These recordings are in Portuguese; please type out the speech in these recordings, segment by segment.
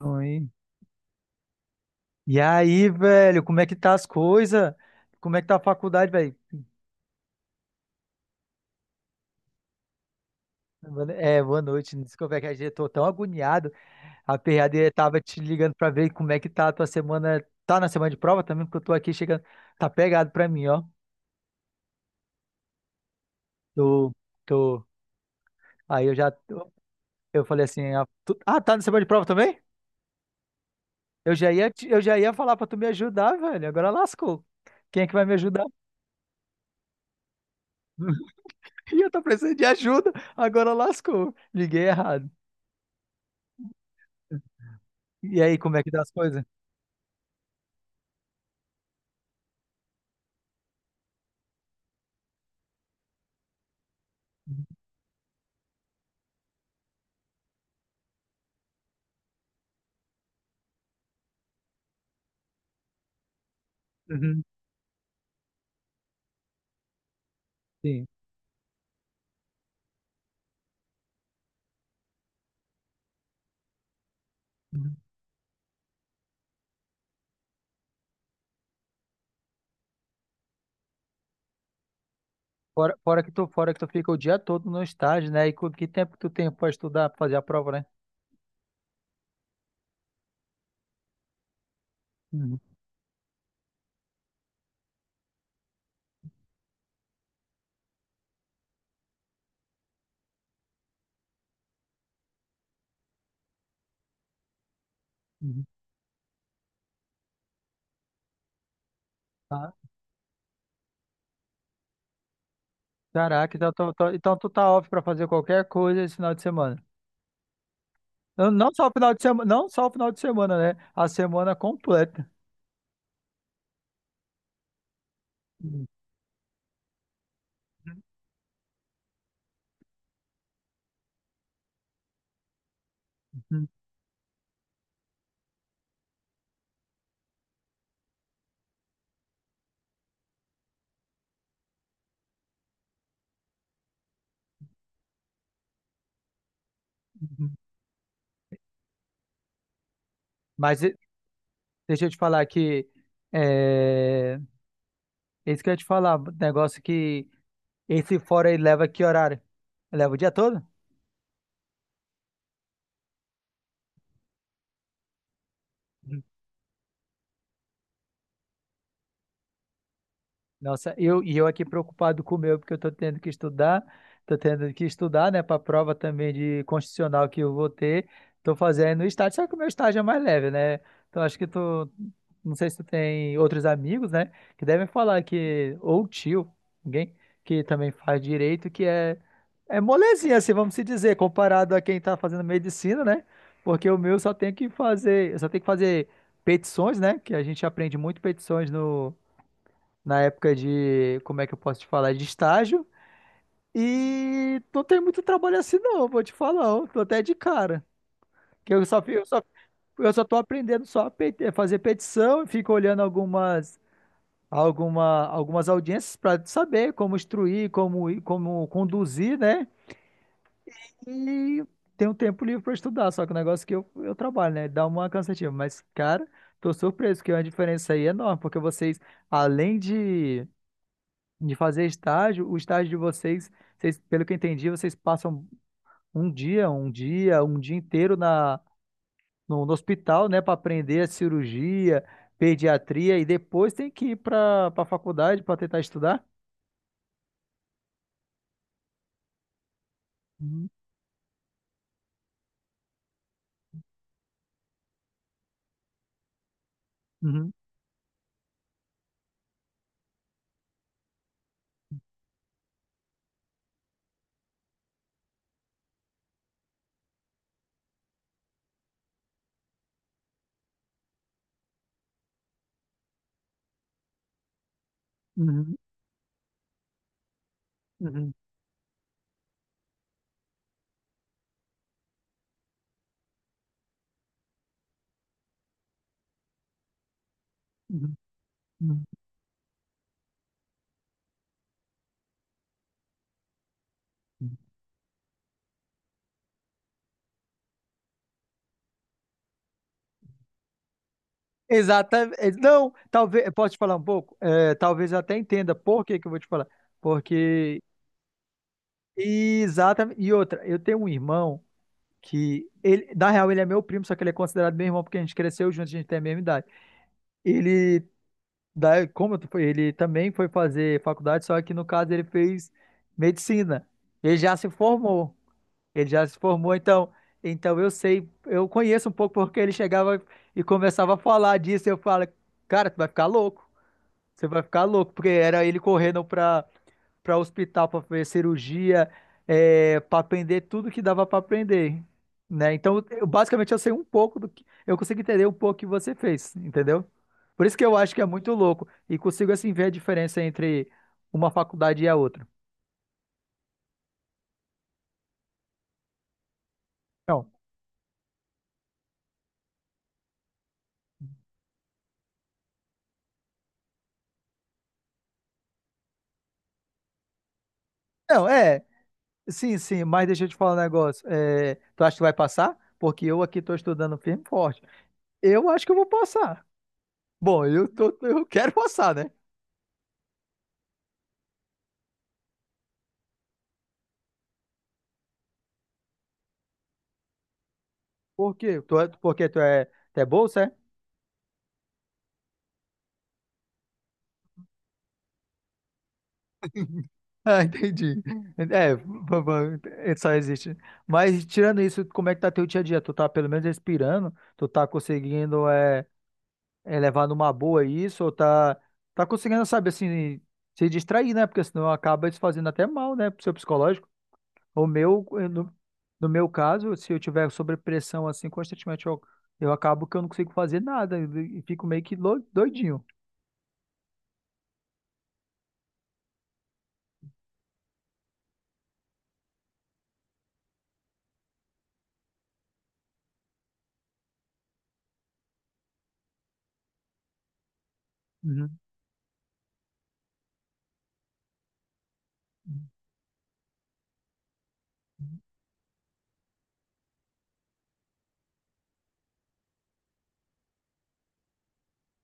Oi. E aí, velho, como é que tá as coisas? Como é que tá a faculdade, velho? Boa no- É, boa noite. Desculpa, é que a gente tô tão agoniado. A PhD tava te ligando pra ver como é que tá a tua semana. Tá na semana de prova também, porque eu tô aqui chegando. Tá pegado pra mim, ó. Tô, tô. Aí eu já. Tô- Eu falei assim, tá na semana de prova também? Eu já ia falar pra tu me ajudar, velho. Agora lascou. Quem é que vai me ajudar? E eu tô precisando de ajuda. Agora lascou. Liguei errado. E aí, como é que tá as coisas? Uhum, sim. Uhum. Fora que tu fica o dia todo no estágio, né? E com que tempo que tu tem pra estudar, pra fazer a prova, né? Uhum, uhum. Ah, caraca, então, então tu tá off pra fazer qualquer coisa esse final de semana. Não, não só o final de semana, não só o final de semana, né? A semana completa. Uhum, uhum, uhum. Mas e- deixa eu te falar que é, isso que eu ia te falar, negócio que esse fora aí leva que horário? Leva o dia todo? Nossa, eu, e eu aqui preocupado com o meu, porque eu estou tendo que estudar, estou tendo que estudar, né, para a prova também de constitucional que eu vou ter, estou fazendo estágio, só que o meu estágio é mais leve, né? Então acho que tu, não sei se tu tem outros amigos, né, que devem falar que, ou tio, alguém que também faz direito, é molezinha, assim, vamos se dizer, comparado a quem está fazendo medicina, né? Porque o meu só tem que fazer, eu só tem que fazer petições, né, que a gente aprende muito petições no na época de, como é que eu posso te falar, de estágio. E não tem muito trabalho assim não, vou te falar, ó, tô até de cara. Que eu só tô aprendendo só a a fazer petição e fico olhando algumas, algumas audiências para saber como instruir, como conduzir, né? E tem um tempo livre para estudar, só que o negócio é que eu trabalho, né? Dá uma cansativa, mas cara, tô surpreso que é uma diferença aí é enorme, porque vocês, além de fazer estágio, o estágio de vocês, vocês, pelo que eu entendi, vocês passam um dia inteiro no hospital, né, para aprender a cirurgia, pediatria e depois tem que ir para a faculdade para tentar estudar? Uhum, uhum, uhum, uhum, uhum, uhum. Exatamente. Não, talvez, posso te falar um pouco? É, talvez eu até entenda por que que eu vou te falar. Porque, exatamente. E outra, eu tenho um irmão que ele, na real, ele é meu primo, só que ele é considerado meu irmão porque a gente cresceu junto, a gente tem a mesma idade. Ele, da, como eu- Ele também foi fazer faculdade, só que no caso ele fez medicina. Ele já se formou. Ele já se formou, então, então eu sei, eu conheço um pouco porque ele chegava e começava a falar disso, e eu falo, cara, tu vai ficar louco. Você vai ficar louco, porque era ele correndo para hospital para fazer cirurgia, é, para aprender tudo que dava para aprender, né? Então, basicamente, eu sei um pouco do que eu consigo entender um pouco que você fez, entendeu? Por isso que eu acho que é muito louco e consigo assim ver a diferença entre uma faculdade e a outra. Não, não, é, sim, sim, mas deixa eu te falar um negócio. É, tu acha que vai passar? Porque eu aqui tô estudando firme e forte. Eu acho que eu vou passar. Bom, eu tô, eu quero passar, né? Por quê? Tu é bolsa, é? Ah, entendi. É, va- va- é, só existe. Mas tirando isso, como é que tá teu dia a dia? Tu tá pelo menos respirando? Tu tá conseguindo é, levar numa boa isso? Ou tá, tá conseguindo, sabe, assim, se distrair, né? Porque senão acaba isso fazendo até mal, né, pro seu psicológico. O meu, eh, no meu caso, se eu tiver sobrepressão assim constantemente, eu acabo que eu não consigo fazer nada e fico meio que doidinho. Uhum.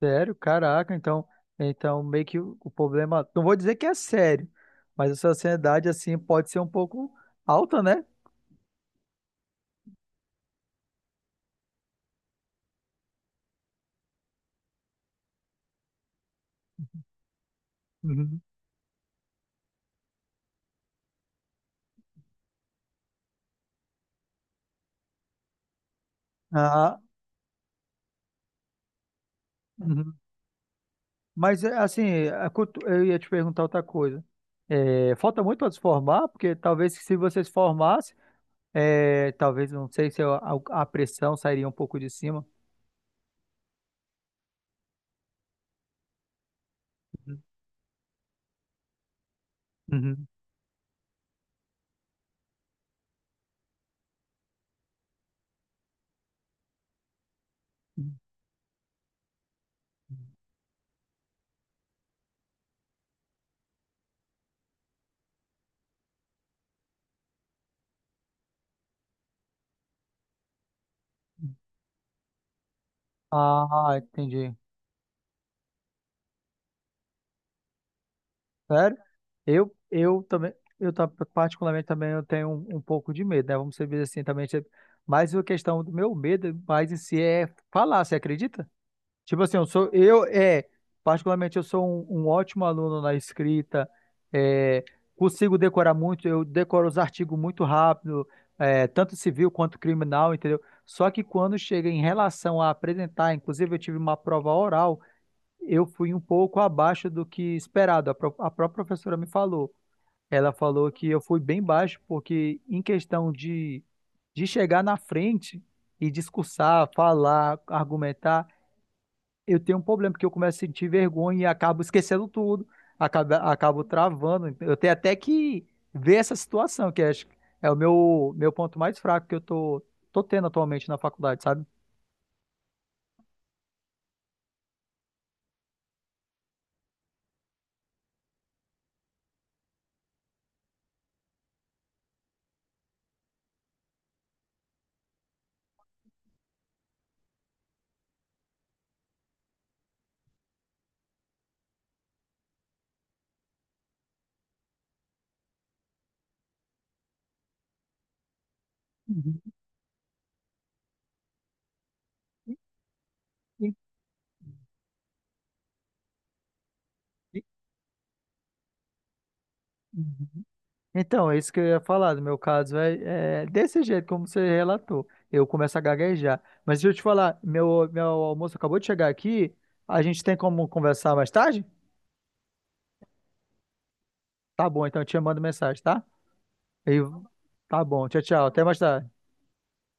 Sério? Caraca, então, então meio que o problema, não vou dizer que é sério, mas a sociedade assim pode ser um pouco alta, né? Uhum. Ah, uhum. Mas é, assim, eu ia te perguntar outra coisa. É, falta muito para se formar, porque talvez se você se formasse, é, talvez não sei se a, a pressão sairia um pouco de cima. Uhum. Uhum. Ah, entendi. Sério? Eu também, particularmente também eu tenho um, um pouco de medo, né? Vamos dizer assim também, tipo, mas a questão do meu medo mais em si é falar, você acredita? Tipo assim, eu sou, eu, é, particularmente eu sou um, um ótimo aluno na escrita, é, consigo decorar muito, eu decoro os artigos muito rápido, é, tanto civil quanto criminal, entendeu? Só que quando chega em relação a apresentar, inclusive eu tive uma prova oral, eu fui um pouco abaixo do que esperado. A própria professora me falou. Ela falou que eu fui bem baixo, porque em questão de chegar na frente e discursar, falar, argumentar, eu tenho um problema, porque eu começo a sentir vergonha e acabo esquecendo tudo, acabo travando. Eu tenho até que ver essa situação, que acho que é o meu, meu ponto mais fraco que eu tô, tô tendo atualmente na faculdade, sabe? Uhum. E- e- Então, é isso que eu ia falar. No meu caso, é desse jeito, como você relatou. Eu começo a gaguejar. Mas deixa eu te falar, meu almoço acabou de chegar aqui. A gente tem como conversar mais tarde? Tá bom, então eu te mando mensagem, tá? E, tá bom, tchau, tchau. Até mais tarde.